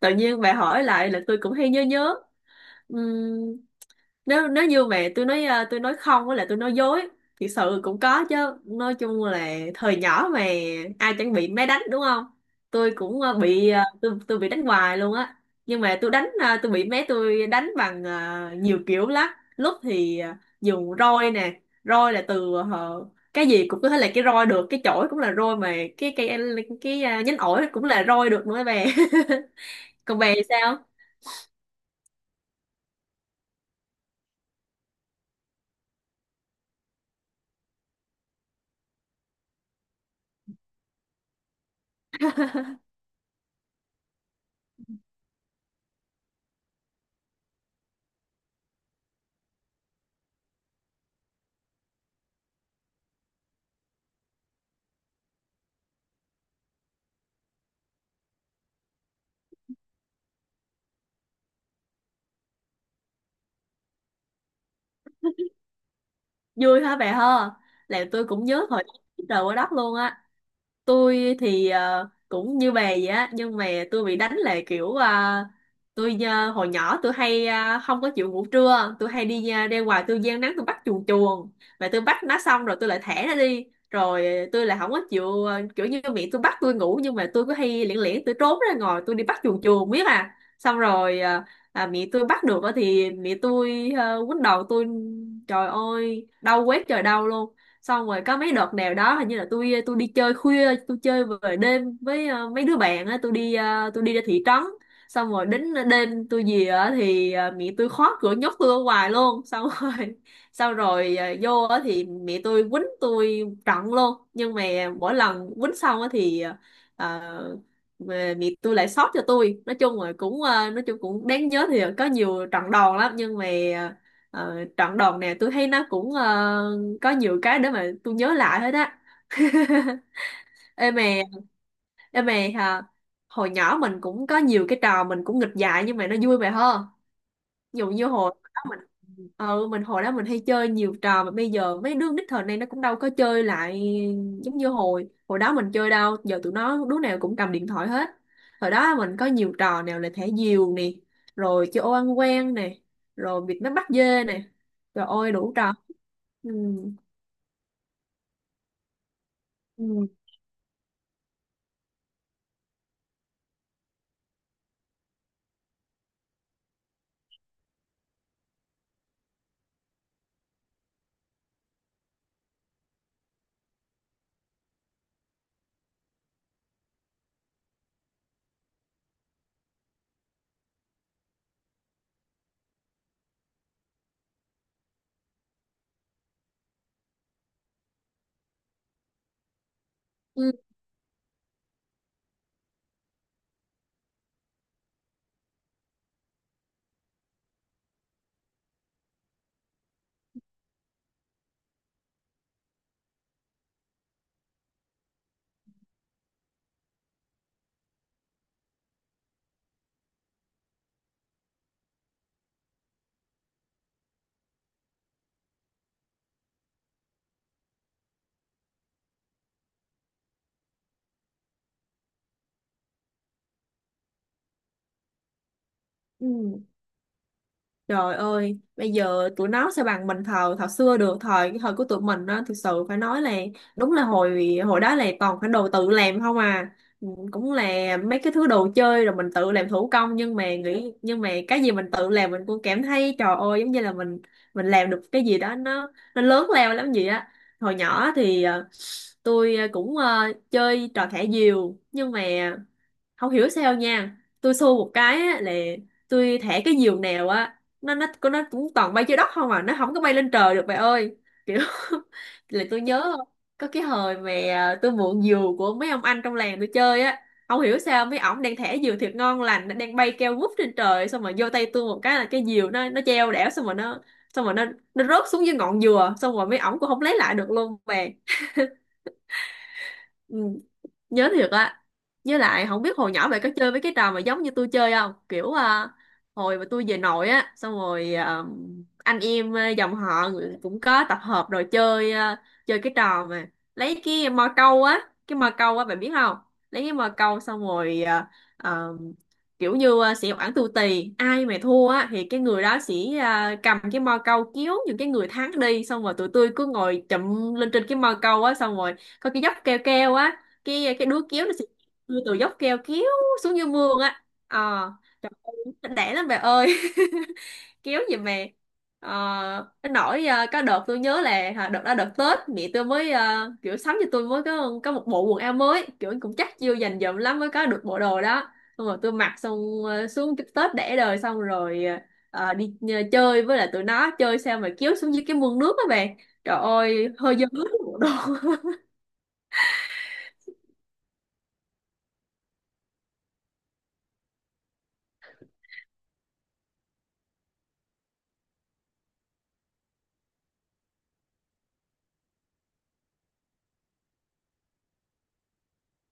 Tự nhiên bà hỏi lại là tôi cũng hay nhớ nhớ. Ừm, nếu nếu như mà tôi nói, tôi nói không, với lại tôi nói dối thực sự cũng có chứ. Nói chung là thời nhỏ mà ai chẳng bị máy đánh đúng không. Tôi cũng bị, tôi bị đánh hoài luôn á. Nhưng mà tôi đánh, tôi bị mé tôi đánh bằng, nhiều kiểu lắm. Lúc thì dùng roi nè, roi là từ cái gì cũng có thể là cái roi được, cái chổi cũng là roi mà, cái cái cái, cái nhánh ổi cũng là roi được nữa bè. Còn bè thì sao? Vui hả bà ha. Là tôi cũng nhớ thời trời quá đất luôn á. Tôi thì cũng như bà vậy á, nhưng mà tôi bị đánh là kiểu tôi, hồi nhỏ tôi hay không có chịu ngủ trưa, tôi hay đi ra ngoài tôi giang nắng tôi bắt chuồn chuồn. Mà tôi bắt nó xong rồi tôi lại thả nó đi, rồi tôi lại không có chịu, kiểu như miệng tôi bắt tôi ngủ, nhưng mà tôi cứ hay lẻn lẻn, tôi trốn ra ngoài tôi đi bắt chuồn chuồn biết à, xong rồi mẹ tôi bắt được á thì mẹ tôi quýnh đầu tôi. Trời ơi đau quét trời đau luôn. Xong rồi có mấy đợt nào đó hình như là tôi đi chơi khuya, tôi chơi về đêm với mấy đứa bạn á, tôi đi, tôi đi ra thị trấn. Xong rồi đến đêm tôi về á thì mẹ tôi khóa cửa nhốt tôi ở ngoài luôn, xong rồi xong rồi vô á thì mẹ tôi quýnh tôi trận luôn. Nhưng mà mỗi lần quýnh xong á thì, ờ, mà mẹ tôi lại xót cho tôi. Nói chung là cũng, nói chung cũng đáng nhớ, thì có nhiều trận đòn lắm, nhưng mà trận đòn này tôi thấy nó cũng có nhiều cái để mà tôi nhớ lại hết á. Ê mè. Ê mè hả. Hồi nhỏ mình cũng có nhiều cái trò mình cũng nghịch dại nhưng mà nó vui mày hơn. Ví dụ như hồi đó mình. Ừ, mình hồi đó mình hay chơi nhiều trò mà bây giờ mấy đứa nít thời nay nó cũng đâu có chơi lại, giống như hồi hồi đó mình chơi đâu, giờ tụi nó đứa nào cũng cầm điện thoại hết. Hồi đó mình có nhiều trò, nào là thả diều nè, rồi chơi ô ăn quan nè, rồi việc nó bắt dê nè, rồi ôi đủ trò. Ừ. Ừ. Ừ. Ừ. Trời ơi, bây giờ tụi nó sẽ bằng mình thời thời xưa được, thời cái thời của tụi mình á, thực sự phải nói là đúng là hồi hồi đó là toàn phải đồ tự làm không à. Ừ, cũng là mấy cái thứ đồ chơi rồi mình tự làm thủ công, nhưng mà nghĩ nhưng mà cái gì mình tự làm mình cũng cảm thấy trời ơi, giống như là mình làm được cái gì đó nó lớn lao lắm vậy á. Hồi nhỏ thì tôi cũng chơi trò thả diều, nhưng mà không hiểu sao nha, tôi xô một cái á, là tôi thả cái diều nào á nó nó cũng toàn bay trên đất không à, nó không có bay lên trời được bà ơi, kiểu là tôi nhớ có cái hồi mà tôi mượn diều của mấy ông anh trong làng tôi chơi á, không hiểu sao mấy ổng đang thả diều thiệt ngon lành, nó đang bay keo vút trên trời, xong rồi vô tay tôi một cái là cái diều nó treo đẻo, xong rồi nó, xong rồi nó rớt xuống dưới ngọn dừa, xong rồi mấy ổng cũng không lấy lại được luôn bà. Ừ. Nhớ thiệt á. Với lại không biết hồi nhỏ mày có chơi với cái trò mà giống như tôi chơi không, kiểu hồi mà tôi về nội á xong rồi, anh em, dòng họ người- cũng có tập hợp rồi chơi, chơi cái trò mà lấy cái mò câu á, cái mò câu á bạn biết không, lấy cái mò câu xong rồi, à, kiểu như sẽ oản tù tì ai mà thua á thì cái người đó sẽ cầm cái mò câu kéo những cái người thắng đi, xong rồi tụi tôi cứ ngồi chụm lên trên cái mò câu á, xong rồi có cái dốc keo keo á, cái đúa kéo nó sẽ đưa từ dốc keo kéo xuống như mương á, ờ trời ơi đẻ lắm bà ơi kéo gì mà ờ, nó nổi, có đợt tôi nhớ là hả, đợt đó đợt Tết mẹ tôi mới kiểu sắm cho tôi mới có một bộ quần áo mới, kiểu cũng chắc chưa dành dụm lắm mới có được bộ đồ đó. Xong rồi tôi mặc xong xuống cái Tết đẻ đời, xong rồi đi chơi với lại tụi nó chơi sao mà kéo xuống dưới cái mương nước á bạn, trời ơi hơi dơ hết bộ đồ.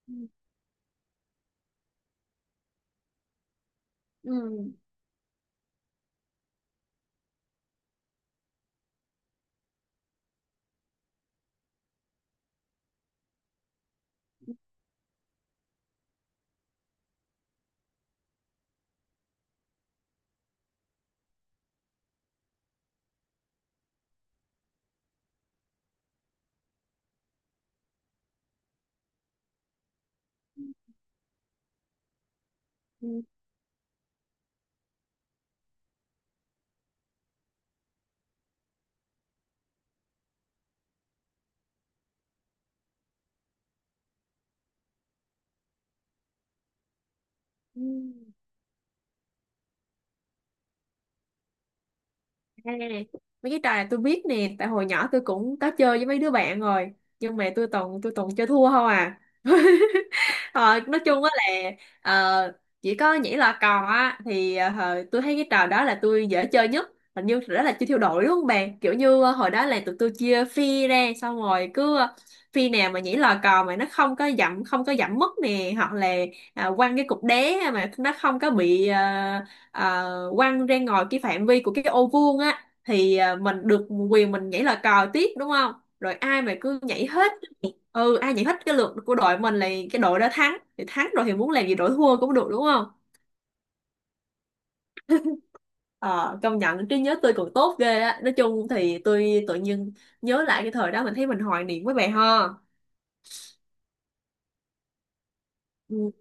Ừ. Ừ. Ừ. À, mấy cái trò này tôi biết nè tại hồi nhỏ tôi cũng có chơi với mấy đứa bạn rồi, nhưng mà tôi toàn chơi thua không à. Ờ, nói chung á là ờ, chỉ có nhảy lò cò á thì tôi thấy cái trò đó là tôi dễ chơi nhất. Hình như đó là chơi theo đội đúng không bạn, kiểu như hồi đó là tụi tôi chia phi ra, xong rồi cứ phi nào mà nhảy lò cò mà nó không có dặm, không có dặm mất nè, hoặc là quăng cái cục đá mà nó không có bị quăng ra ngoài cái phạm vi của cái ô vuông á, thì mình được quyền mình nhảy lò cò tiếp đúng không. Rồi ai mà cứ nhảy hết. Ừ, ai giải thích cái luật của đội mình là cái đội đó thắng, thì thắng rồi thì muốn làm gì đội thua cũng được đúng không. Ờ công nhận trí nhớ tôi còn tốt ghê á. Nói chung thì tôi tự nhiên nhớ lại cái thời đó mình thấy mình hoài niệm với bà ho. Ừ.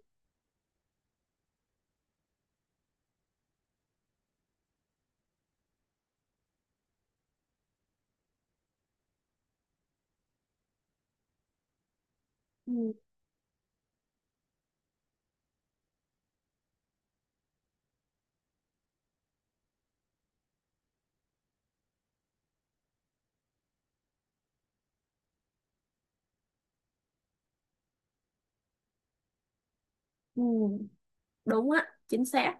Ừ. Ừ, đúng á chính xác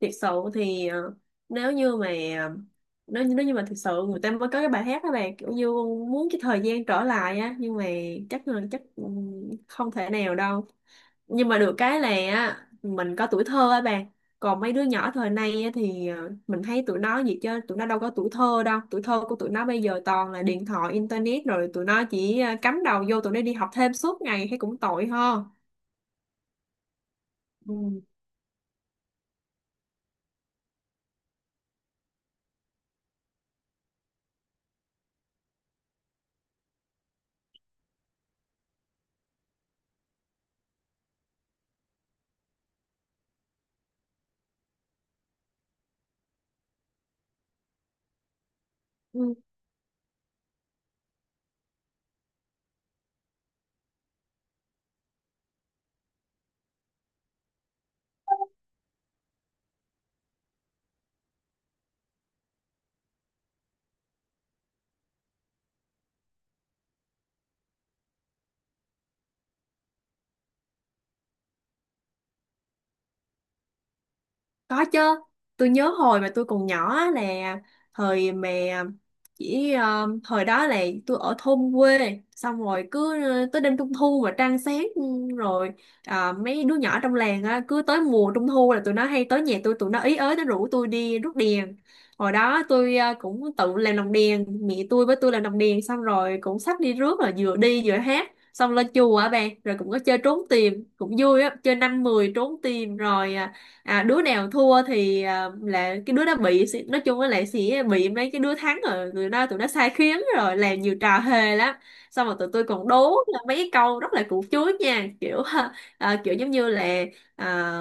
thiệt sự. Thì nếu như mà ờ, nếu như mà thực sự người ta mới có cái bài hát đó bà, kiểu như muốn cái thời gian trở lại á, nhưng mà chắc là chắc ừ, không thể nào đâu. Nhưng mà được cái là á, mình có tuổi thơ á bạn. Còn mấy đứa nhỏ thời nay á, thì mình thấy tụi nó gì chứ tụi nó đâu có tuổi thơ đâu, tuổi thơ của tụi nó bây giờ toàn là điện thoại internet, rồi tụi nó chỉ cắm đầu vô, tụi nó đi học thêm suốt ngày thấy cũng tội ho. Ừ. Ừ. Có chứ, tôi nhớ hồi mà tôi còn nhỏ á là thời mà chỉ, thời đó là tôi ở thôn quê, xong rồi cứ tới đêm trung thu mà trăng sáng ừ, rồi mấy đứa nhỏ trong làng á, cứ tới mùa trung thu là tụi nó hay tới nhà tôi tụi nó ý ới, nó rủ tôi đi rước đèn. Hồi đó tôi cũng tự làm lồng đèn, mẹ tôi với tôi làm lồng đèn, xong rồi cũng xách đi rước là vừa đi vừa hát, xong lên chùa á bạn, rồi cũng có chơi trốn tìm cũng vui á, chơi năm mười trốn tìm rồi đứa nào thua thì là cái đứa đó bị, nói chung là lại sẽ bị mấy cái đứa thắng rồi tụi nó sai khiến rồi làm nhiều trò hề lắm. Xong rồi tụi tôi còn đố là mấy cái câu rất là củ chuối nha, kiểu kiểu giống như là à,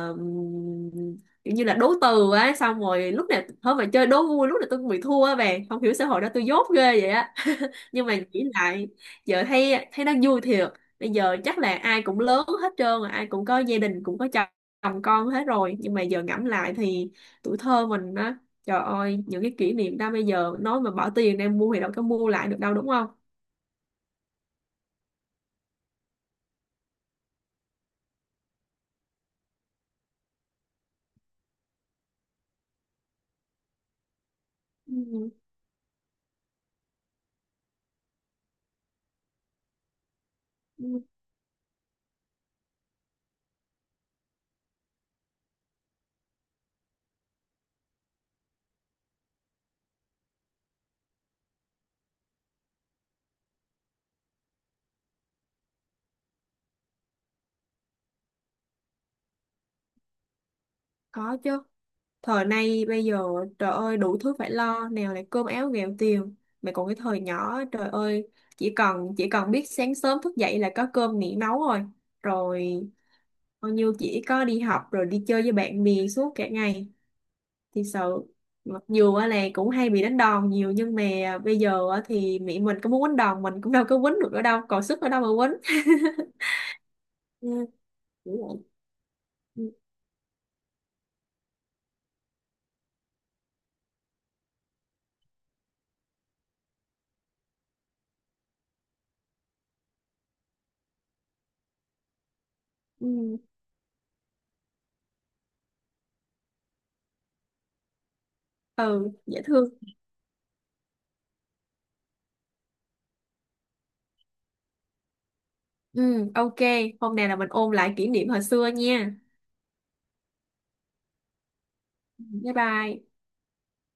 kiểu như là đố từ á, xong rồi lúc nào thôi mà chơi đố vui lúc nào tôi cũng bị thua á bạn, không hiểu xã hội đó tôi dốt ghê vậy á. Nhưng mà nghĩ lại giờ thấy thấy nó vui thiệt. Bây giờ chắc là ai cũng lớn hết trơn rồi, ai cũng có gia đình cũng có chồng con hết rồi, nhưng mà giờ ngẫm lại thì tuổi thơ mình á, trời ơi những cái kỷ niệm đó bây giờ nói mà bỏ tiền ra mua thì đâu có mua lại được đâu đúng không. Ừ, ừ, có chứ. Thời nay bây giờ trời ơi đủ thứ phải lo, nào là cơm áo gạo tiền, mà còn cái thời nhỏ trời ơi chỉ cần biết sáng sớm thức dậy là có cơm nghỉ nấu rồi, rồi bao nhiêu chỉ có đi học rồi đi chơi với bạn bè suốt cả ngày, thì sợ, mặc dù á là cũng hay bị đánh đòn nhiều, nhưng mà bây giờ á thì mẹ mình có muốn quýnh đòn mình cũng đâu có quýnh được nữa đâu còn sức ở đâu mà quýnh. Ừ, kiểu vậy. Ừ, ừ. Ừ, dễ thương. Ừ, ok. Hôm nay là mình ôn lại kỷ niệm hồi xưa nha. Bye bye.